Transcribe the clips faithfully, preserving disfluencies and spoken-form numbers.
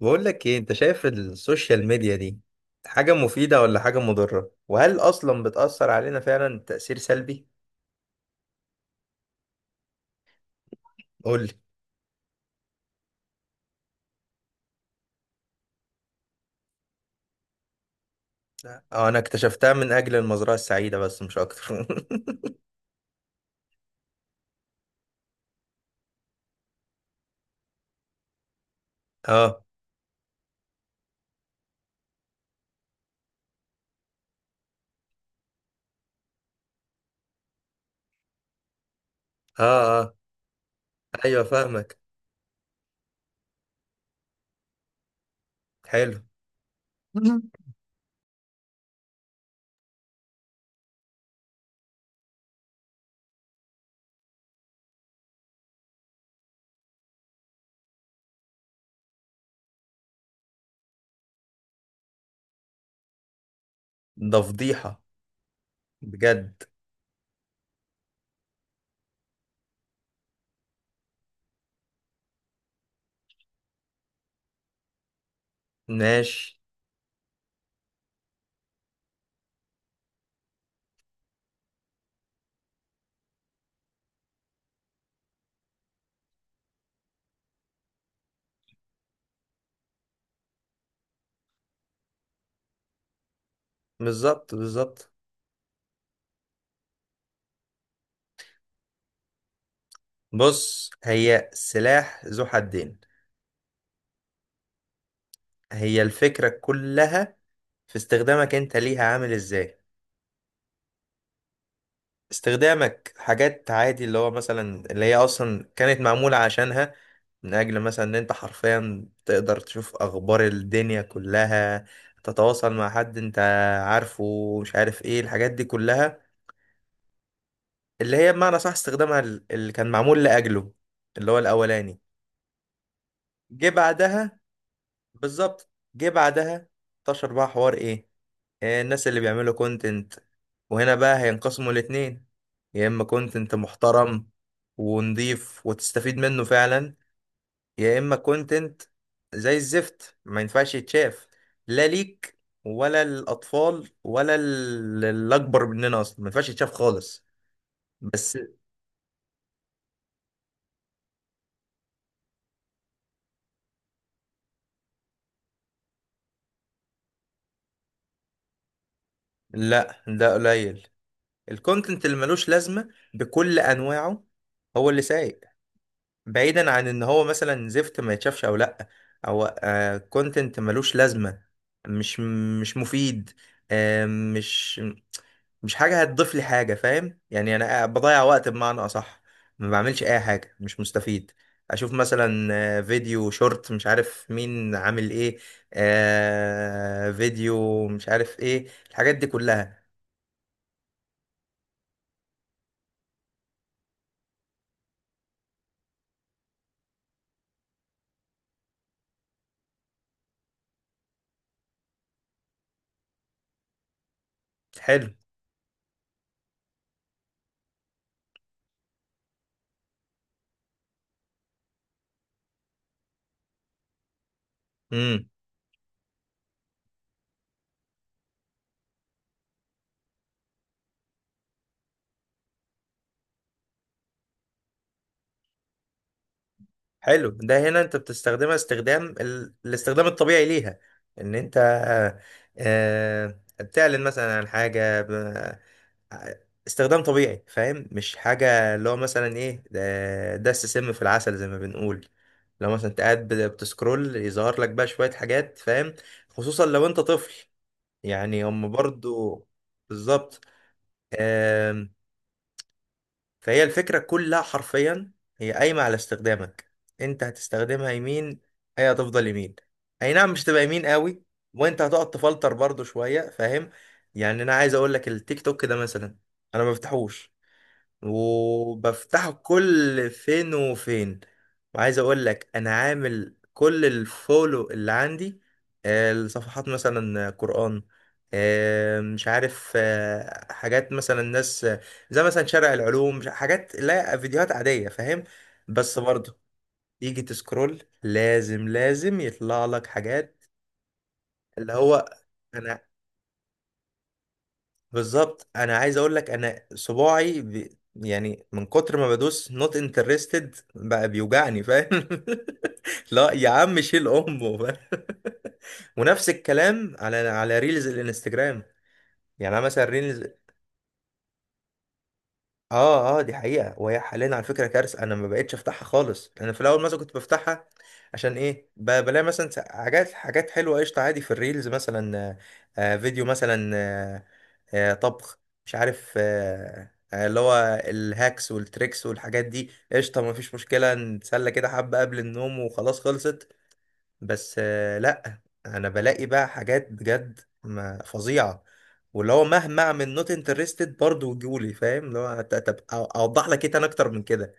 بقول لك ايه؟ انت شايف السوشيال ميديا دي حاجة مفيدة ولا حاجة مضرة؟ وهل اصلا بتأثر علينا فعلا تأثير سلبي؟ قول لي. اه انا اكتشفتها من اجل المزرعة السعيدة بس مش اكتر اه اه اه ايوه فاهمك. حلو. ده فضيحة. بجد. ماشي. بالظبط بالظبط بص، هي سلاح ذو حدين. هي الفكرة كلها في استخدامك انت ليها عامل ازاي. استخدامك حاجات عادي، اللي هو مثلا اللي هي اصلا كانت معمولة عشانها، من اجل مثلا ان انت حرفيا تقدر تشوف اخبار الدنيا كلها، تتواصل مع حد انت عارفه، مش عارف ايه الحاجات دي كلها، اللي هي بمعنى صح استخدامها ال- اللي كان معمول لاجله، اللي هو الاولاني. جه بعدها، بالظبط جه بعدها. انتشر بقى حوار ايه؟ آه، الناس اللي بيعملوا كونتنت، وهنا بقى هينقسموا الاتنين. يا اما كونتنت محترم ونضيف وتستفيد منه فعلا، يا اما كونتنت زي الزفت ما ينفعش يتشاف، لا ليك ولا الاطفال ولا ال- الاكبر مننا اصلا ما ينفعش يتشاف خالص. بس. لا، ده قليل. الكونتنت اللي ملوش لازمة بكل انواعه هو اللي سايق. بعيدا عن ان هو مثلا زفت ما يتشافش او لا، او آه كونتنت ملوش لازمه، مش مش مفيد. آه، مش مش حاجه هتضيف لي حاجه، فاهم يعني؟ انا آه، بضيع وقت بمعنى اصح، ما بعملش اي حاجه، مش مستفيد. اشوف مثلا آه، فيديو شورت مش عارف مين عامل ايه، آه، فيديو مش عارف ايه، الحاجات دي كلها. حلو. حلو، ده هنا انت بتستخدمها استخدام ال... الاستخدام الطبيعي ليها. ان انت آه، آه، بتعلن مثلا عن حاجة ب... استخدام طبيعي، فاهم؟ مش حاجة اللي هو مثلا ايه ده، دس سم في العسل زي ما بنقول. لو مثلا انت قاعد بت- بتسكرول يظهر لك بقى شوية حاجات فاهم، خصوصا لو انت طفل. يعني هم برضو. بالظبط. فهي الفكرة كلها حرفيا، هي قايمة على استخدامك. انت هتستخدمها يمين، هي هتفضل يمين. اي نعم، مش هتبقى يمين قوي وانت هتقعد تفلتر برضو شوية، فاهم؟ يعني انا عايز اقول لك التيك توك ده مثلا انا ما بفتحوش، وبفتحه كل فين وفين. وعايز اقول لك انا عامل كل الفولو اللي عندي آه، الصفحات مثلا قرآن، آه، مش عارف آه، حاجات مثلا ناس آه، زي مثلا شارع العلوم، مش- حاجات، لا، فيديوهات عادية فاهم. بس برضه يجي تسكرول لازم لازم يطلع لك حاجات. اللي هو انا بالظبط، انا عايز اقول لك انا صباعي ب... يعني من كتر ما بدوس نوت انترستد بقى بيوجعني فاهم. لا يا عم شيل امه فاهم. ونفس الكلام على على ريلز الانستجرام. يعني انا مثلا ريلز، اه اه دي حقيقه. وهي حاليا على فكره كارثه، انا ما بقتش افتحها خالص. انا في الاول مثلا كنت بفتحها، عشان ايه؟ ب- بلاقي مثلا س- حاجات حاجات حلوه قشطه عادي في الريلز، مثلا آه، آه، فيديو مثلا آه، آه، طبخ، مش عارف آه، آه، اللي هو الهاكس والتريكس والحاجات دي، قشطة مفيش مشكلة، نتسلى كده حبة قبل النوم وخلاص خلصت. بس آه، لأ، أنا بلاقي بقى حاجات بجد ما- فظيعة، واللي هو مهما أعمل نوت انترستد برضه يجولي فاهم، اللي هو ت- طب أو- أوضح لك إيه تاني أكتر من كده؟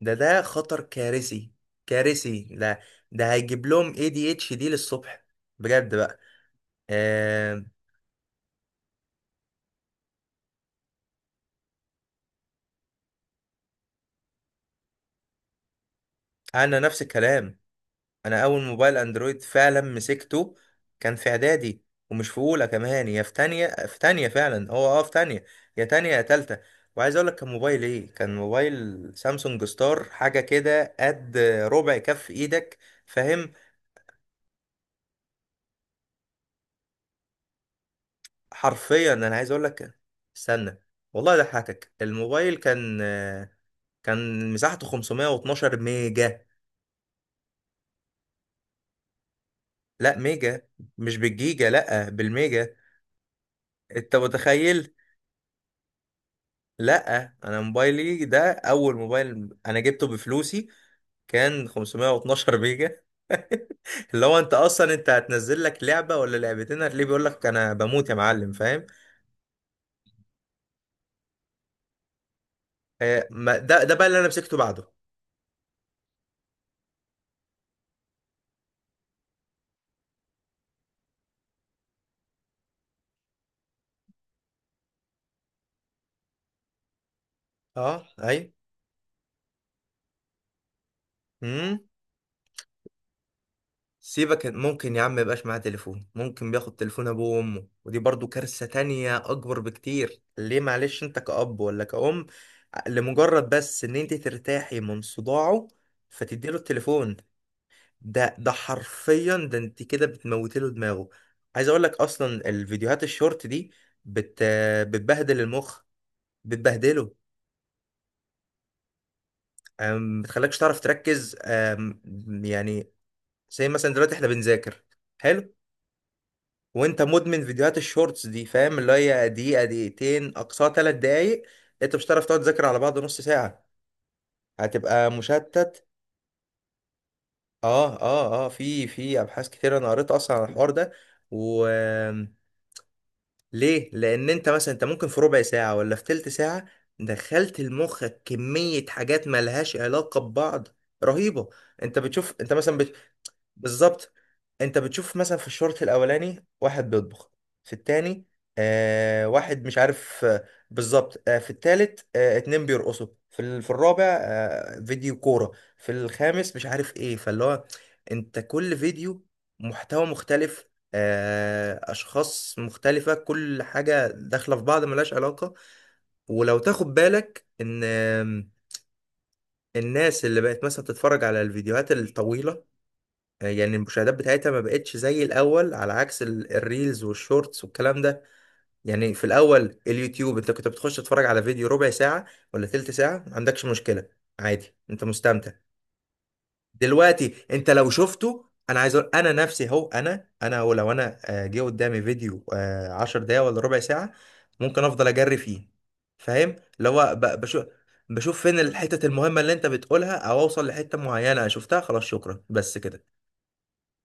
ده ده خطر كارثي، كارثي ده. ده هيجيب لهم اي دي اتش دي للصبح بجد بقى. آه، أنا نفس الكلام، انا اول موبايل اندرويد فعلا مسكته كان في اعدادي، ومش في اولى كمان، يا في تانية، في تانية فعلا، هو اه في تانية. يا تانية يا تالتة. وعايز اقول لك كان موبايل ايه؟ كان موبايل سامسونج ستار، حاجة كده قد ربع كف ايدك فاهم. حرفيا انا عايز اقول لك، استنى، والله ضحكك، الموبايل كان كان مساحته خمسمائة واثني عشر ميجا. لا ميجا، مش بالجيجا، لا بالميجا. انت متخيل؟ لا انا موبايلي ده اول موبايل انا جبته بفلوسي كان خمسمائة واثني عشر ميجا. اللي هو انت اصلا انت هتنزل لك لعبه ولا لعبتين هتلاقيه بيقول لك انا بموت يا معلم فاهم. آه، ما- ده ده بقى اللي انا مسكته بعده. اه. اي. امم. سيبك، ممكن يا عم يبقاش معاه تليفون، ممكن بياخد تليفون ابوه وامه، ودي برضو كارثه تانية اكبر بكتير. ليه معلش؟ انت كأب ولا كأم، لمجرد بس ان انت ترتاحي من صداعه فتديله التليفون، ده ده حرفيا، ده انت كده بتموتي له دماغه. عايز اقول لك اصلا الفيديوهات الشورت دي بت بتبهدل المخ، بتبهدله. أم، بتخليكش تعرف تركز. أم، يعني زي مثلا دلوقتي احنا بنذاكر، حلو، وانت مدمن فيديوهات الشورتس دي، فاهم اللي هي دقيقة دقيقتين اقصاها ثلاث دقايق، انت مش هتعرف تقعد تذاكر على بعض نص ساعة، هتبقى مشتت. اه اه اه في في ابحاث كتير انا قريت اصلا عن الحوار ده. و ليه؟ لأن أنت مثلا أنت ممكن في ربع ساعة ولا في تلت ساعة دخلت لمخك كمية حاجات ملهاش علاقة ببعض رهيبة. أنت بتشوف، أنت مثلا بت... بالظبط. أنت بتشوف مثلا في الشوط الأولاني واحد بيطبخ، في التاني آه واحد مش عارف آه، بالظبط، آه في التالت آه اتنين بيرقصوا في, ال... في الرابع آه فيديو كورة، في الخامس مش عارف إيه. فاللي هو أنت كل فيديو محتوى مختلف، آه، اشخاص مختلفة، كل حاجة داخلة في بعض ملهاش علاقة. ولو تاخد بالك ان آم، الناس اللي بقت مثلا تتفرج على الفيديوهات الطويلة آه، يعني المشاهدات بتاعتها ما بقتش زي الاول، على عكس ال- الريلز والشورتس والكلام ده. يعني في الاول اليوتيوب انت كنت بتخش تتفرج على فيديو ربع ساعة ولا تلت ساعة، ما عندكش مشكلة، عادي انت مستمتع. دلوقتي انت لو شفته، انا عايز اقول انا نفسي هو، انا انا هو لو انا آه، جه قدامي فيديو آه، عشر دقايق ولا ربع ساعة ممكن افضل اجري فيه، فاهم اللي هو ب- بشوف، بشوف فين الحتت المهمة اللي انت بتقولها، او اوصل لحتة معينة شفتها خلاص شكرا بس كده.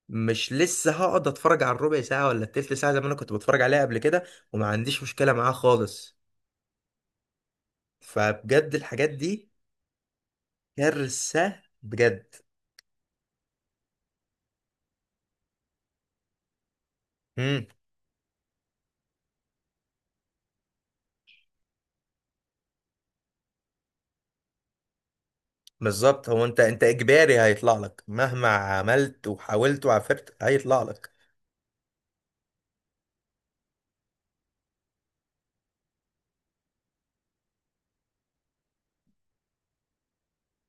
مش لسه هقعد اتفرج على الربع ساعة ولا التلت ساعة زي ما انا كنت بتفرج عليها قبل كده، وما عنديش مشكلة معاه خالص. فبجد الحاجات دي كارثة بجد. بالظبط، هو انت انت اجباري هيطلع لك مهما عملت وحاولت وعفرت هيطلع لك.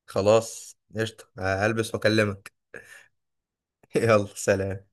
خلاص قشطة، هلبس واكلمك. يلا سلام.